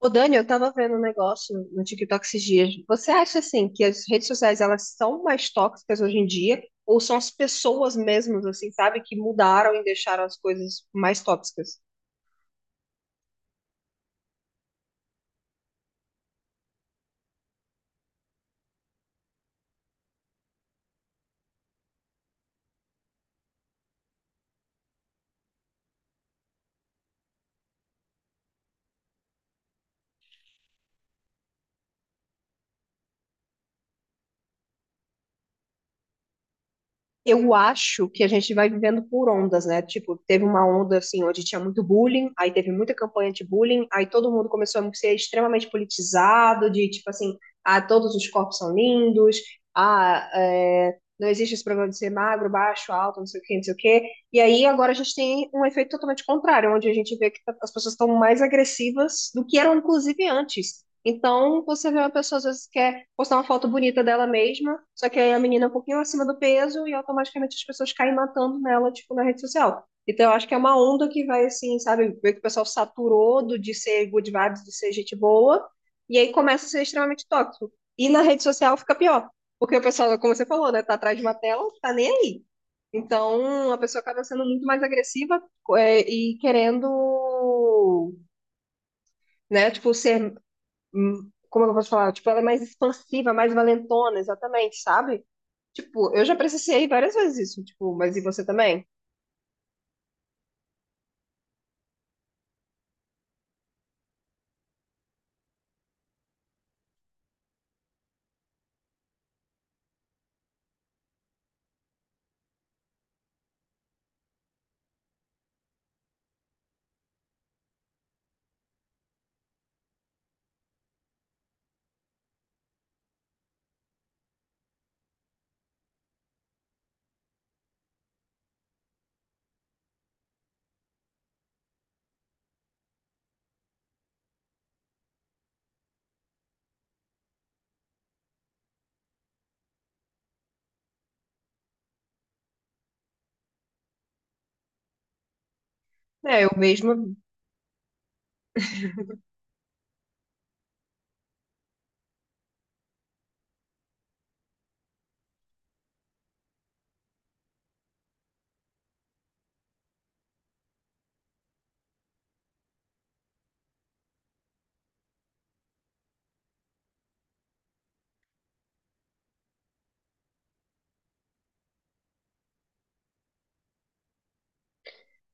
Ô, Dani, eu tava vendo um negócio no TikTok esses dias. Você acha, assim, que as redes sociais, elas são mais tóxicas hoje em dia? Ou são as pessoas mesmas, assim, sabe? Que mudaram e deixaram as coisas mais tóxicas? Eu acho que a gente vai vivendo por ondas, né? Tipo, teve uma onda assim onde tinha muito bullying, aí teve muita campanha de bullying, aí todo mundo começou a ser extremamente politizado, de tipo assim, ah, todos os corpos são lindos, ah, é, não existe esse problema de ser magro, baixo, alto, não sei o quê, não sei o quê. E aí agora a gente tem um efeito totalmente contrário, onde a gente vê que as pessoas estão mais agressivas do que eram, inclusive, antes. Então, você vê uma pessoa, às vezes, quer postar uma foto bonita dela mesma, só que aí a menina é um pouquinho acima do peso e automaticamente as pessoas caem matando nela, tipo, na rede social. Então, eu acho que é uma onda que vai, assim, sabe, ver que o pessoal saturou de ser good vibes, de ser gente boa, e aí começa a ser extremamente tóxico. E na rede social fica pior, porque o pessoal, como você falou, né, tá atrás de uma tela, tá nem aí. Então, a pessoa acaba sendo muito mais agressiva, e querendo né? Tipo, ser como é que eu posso falar? Tipo, ela é mais expansiva, mais valentona, exatamente, sabe? Tipo, eu já presenciei várias vezes isso, tipo, mas e você também? É, eu mesma.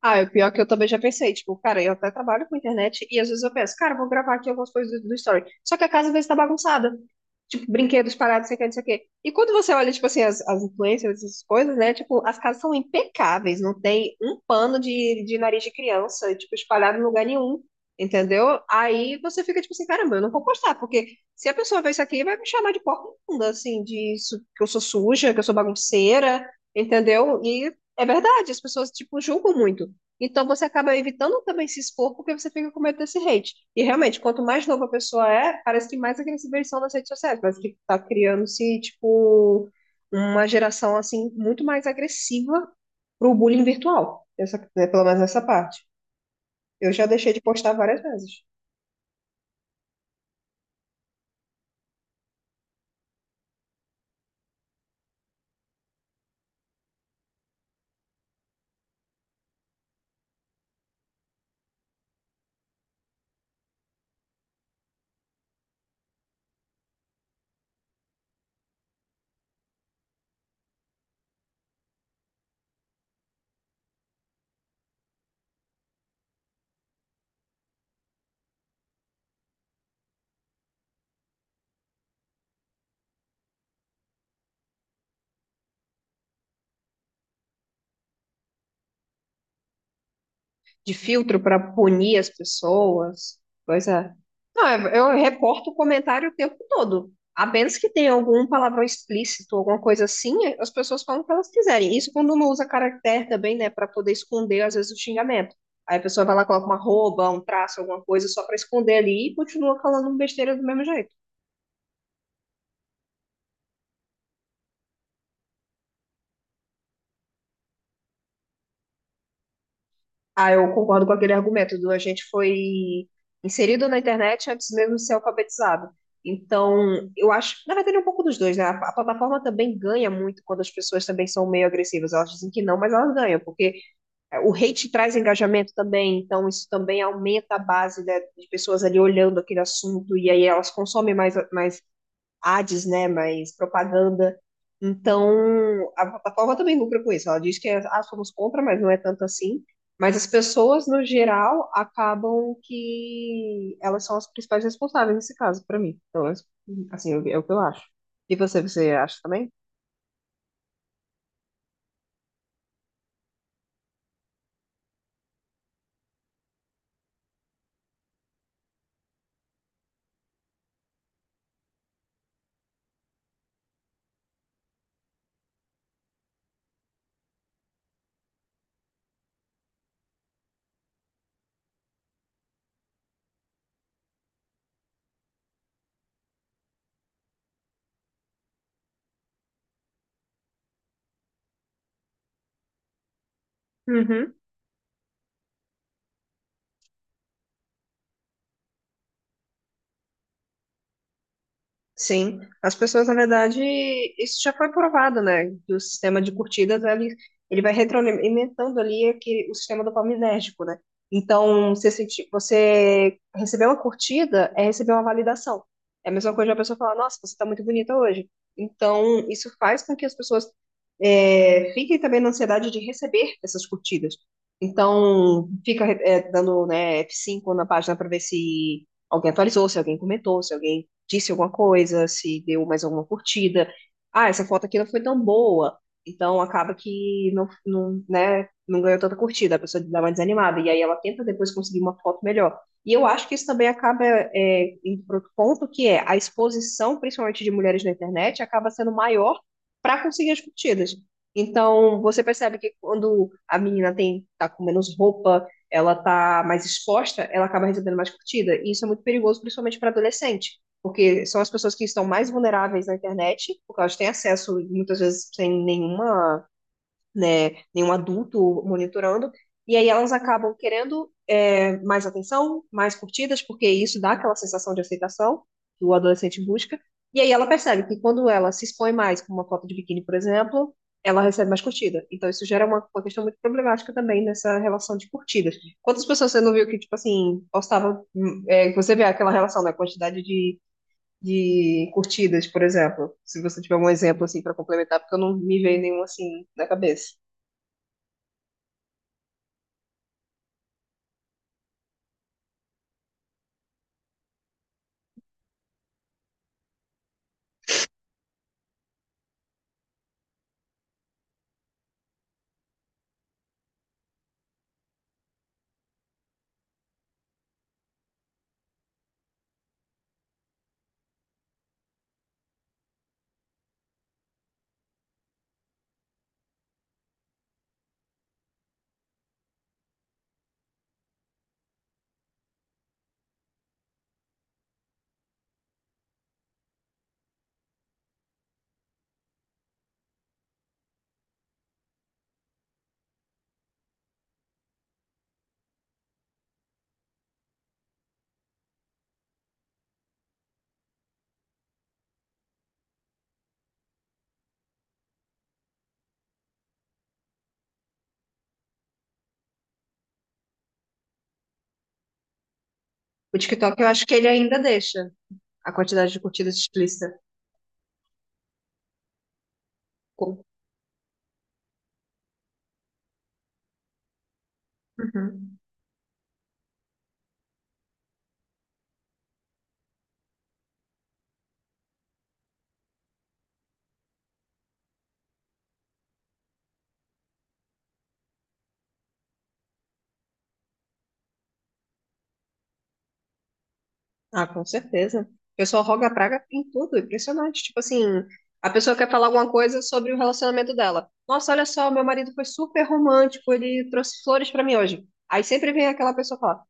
Ah, é o pior que eu também já pensei, tipo, cara, eu até trabalho com internet e às vezes eu penso, cara, eu vou gravar aqui algumas coisas do story. Só que a casa às vezes tá bagunçada. Tipo, brinquedos parados, sei o que, não sei o quê. E quando você olha, tipo assim, as influencers, essas coisas, né? Tipo, as casas são impecáveis, não tem um pano de nariz de criança, tipo, espalhado em lugar nenhum, entendeu? Aí você fica, tipo assim, caramba, eu não vou postar, porque se a pessoa ver isso aqui, vai me chamar de porca imunda, assim, que eu sou suja, que eu sou bagunceira, entendeu? E é verdade, as pessoas, tipo, julgam muito. Então você acaba evitando também se expor porque você fica com medo desse hate. E realmente, quanto mais nova a pessoa é, parece que mais agressiva eles são nas redes sociais. Parece que tá criando-se, tipo, uma geração, assim, muito mais agressiva pro bullying virtual. Essa, né, pelo menos nessa parte. Eu já deixei de postar várias vezes. De filtro para punir as pessoas. Coisa. Não, eu reporto o comentário o tempo todo. A menos que tenha algum palavrão explícito, alguma coisa assim, as pessoas falam o que elas quiserem. Isso quando não usa caractere também, né, para poder esconder, às vezes, o xingamento. Aí a pessoa vai lá, coloca uma arroba, um traço, alguma coisa, só para esconder ali e continua falando besteira do mesmo jeito. Ah, eu concordo com aquele argumento do a gente foi inserido na internet antes mesmo de ser alfabetizado. Então, eu acho, na verdade, é um pouco dos dois, né? A plataforma também ganha muito quando as pessoas também são meio agressivas. Elas dizem que não, mas elas ganham, porque é, o hate traz engajamento também, então isso também aumenta a base, né, de pessoas ali olhando aquele assunto, e aí elas consomem mais, mais ads, né? Mais propaganda. Então, a plataforma também lucra com isso. Ela diz que é, ah, somos contra, mas não é tanto assim. Mas as pessoas, no geral, acabam que elas são as principais responsáveis nesse caso, para mim. Então, é, assim, é o que eu acho. E você, você acha também? Uhum. Sim, as pessoas, na verdade, isso já foi provado, né? Que o sistema de curtidas, ele vai retroalimentando ali aquele, o sistema dopaminérgico, né? Então, você receber uma curtida é receber uma validação. É a mesma coisa de uma pessoa falar, nossa, você tá muito bonita hoje. Então, isso faz com que as pessoas é, fiquem também na ansiedade de receber essas curtidas. Então, fica é, dando, né, f cinco na página para ver se alguém atualizou, se alguém comentou, se alguém disse alguma coisa, se deu mais alguma curtida. Ah, essa foto aqui não foi tão boa. Então acaba que não, não, né, não ganhou tanta curtida, a pessoa dá uma desanimada. E aí ela tenta depois conseguir uma foto melhor. E eu acho que isso também acaba é, indo para outro ponto, que é a exposição, principalmente de mulheres na internet, acaba sendo maior para conseguir as curtidas. Então, você percebe que quando a menina tem, tá com menos roupa, ela tá mais exposta, ela acaba recebendo mais curtida. E isso é muito perigoso, principalmente para adolescente porque são as pessoas que estão mais vulneráveis na internet, porque elas têm acesso muitas vezes sem nenhuma, né, nenhum adulto monitorando, e aí elas acabam querendo é, mais atenção, mais curtidas, porque isso dá aquela sensação de aceitação que o adolescente busca, e aí ela percebe que quando ela se expõe mais com uma foto de biquíni, por exemplo, ela recebe mais curtida. Então isso gera uma questão muito problemática também nessa relação de curtidas. Quantas pessoas você não viu que, tipo assim, postava, é, você vê aquela relação da né, quantidade de curtidas, por exemplo. Se você tiver um exemplo assim para complementar, porque eu não me veio nenhum assim na cabeça. O TikTok, eu acho que ele ainda deixa a quantidade de curtidas explícita. Com-. Uhum. Ah, com certeza. O pessoal roga a praga em tudo, é impressionante. Tipo assim, a pessoa quer falar alguma coisa sobre o relacionamento dela. Nossa, olha só, meu marido foi super romântico, ele trouxe flores para mim hoje. Aí sempre vem aquela pessoa falar,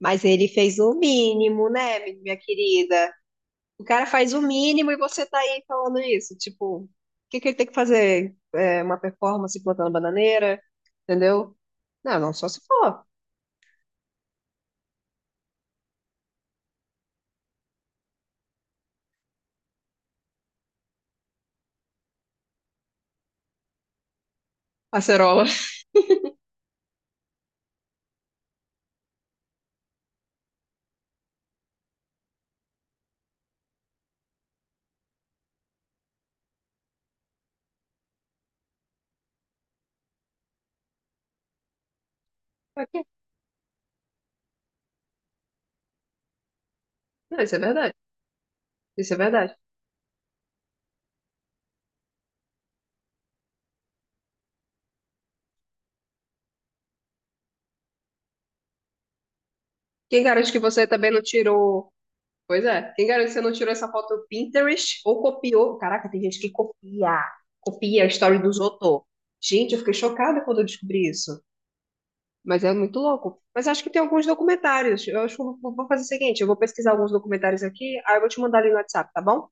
mas ele fez o mínimo, né, minha querida? O cara faz o mínimo e você tá aí falando isso. Tipo, o que que ele tem que fazer? É, uma performance plantando bananeira, entendeu? Não, não, só se for acerola. Pra quê? Não, isso é verdade. Isso é verdade. Quem garante que você também não tirou. Pois é, quem garante que você não tirou essa foto do Pinterest ou copiou? Caraca, tem gente que copia, copia a história dos outros. Gente, eu fiquei chocada quando eu descobri isso. Mas é muito louco. Mas acho que tem alguns documentários. Eu acho que eu vou fazer o seguinte: eu vou pesquisar alguns documentários aqui, aí eu vou te mandar ali no WhatsApp, tá bom?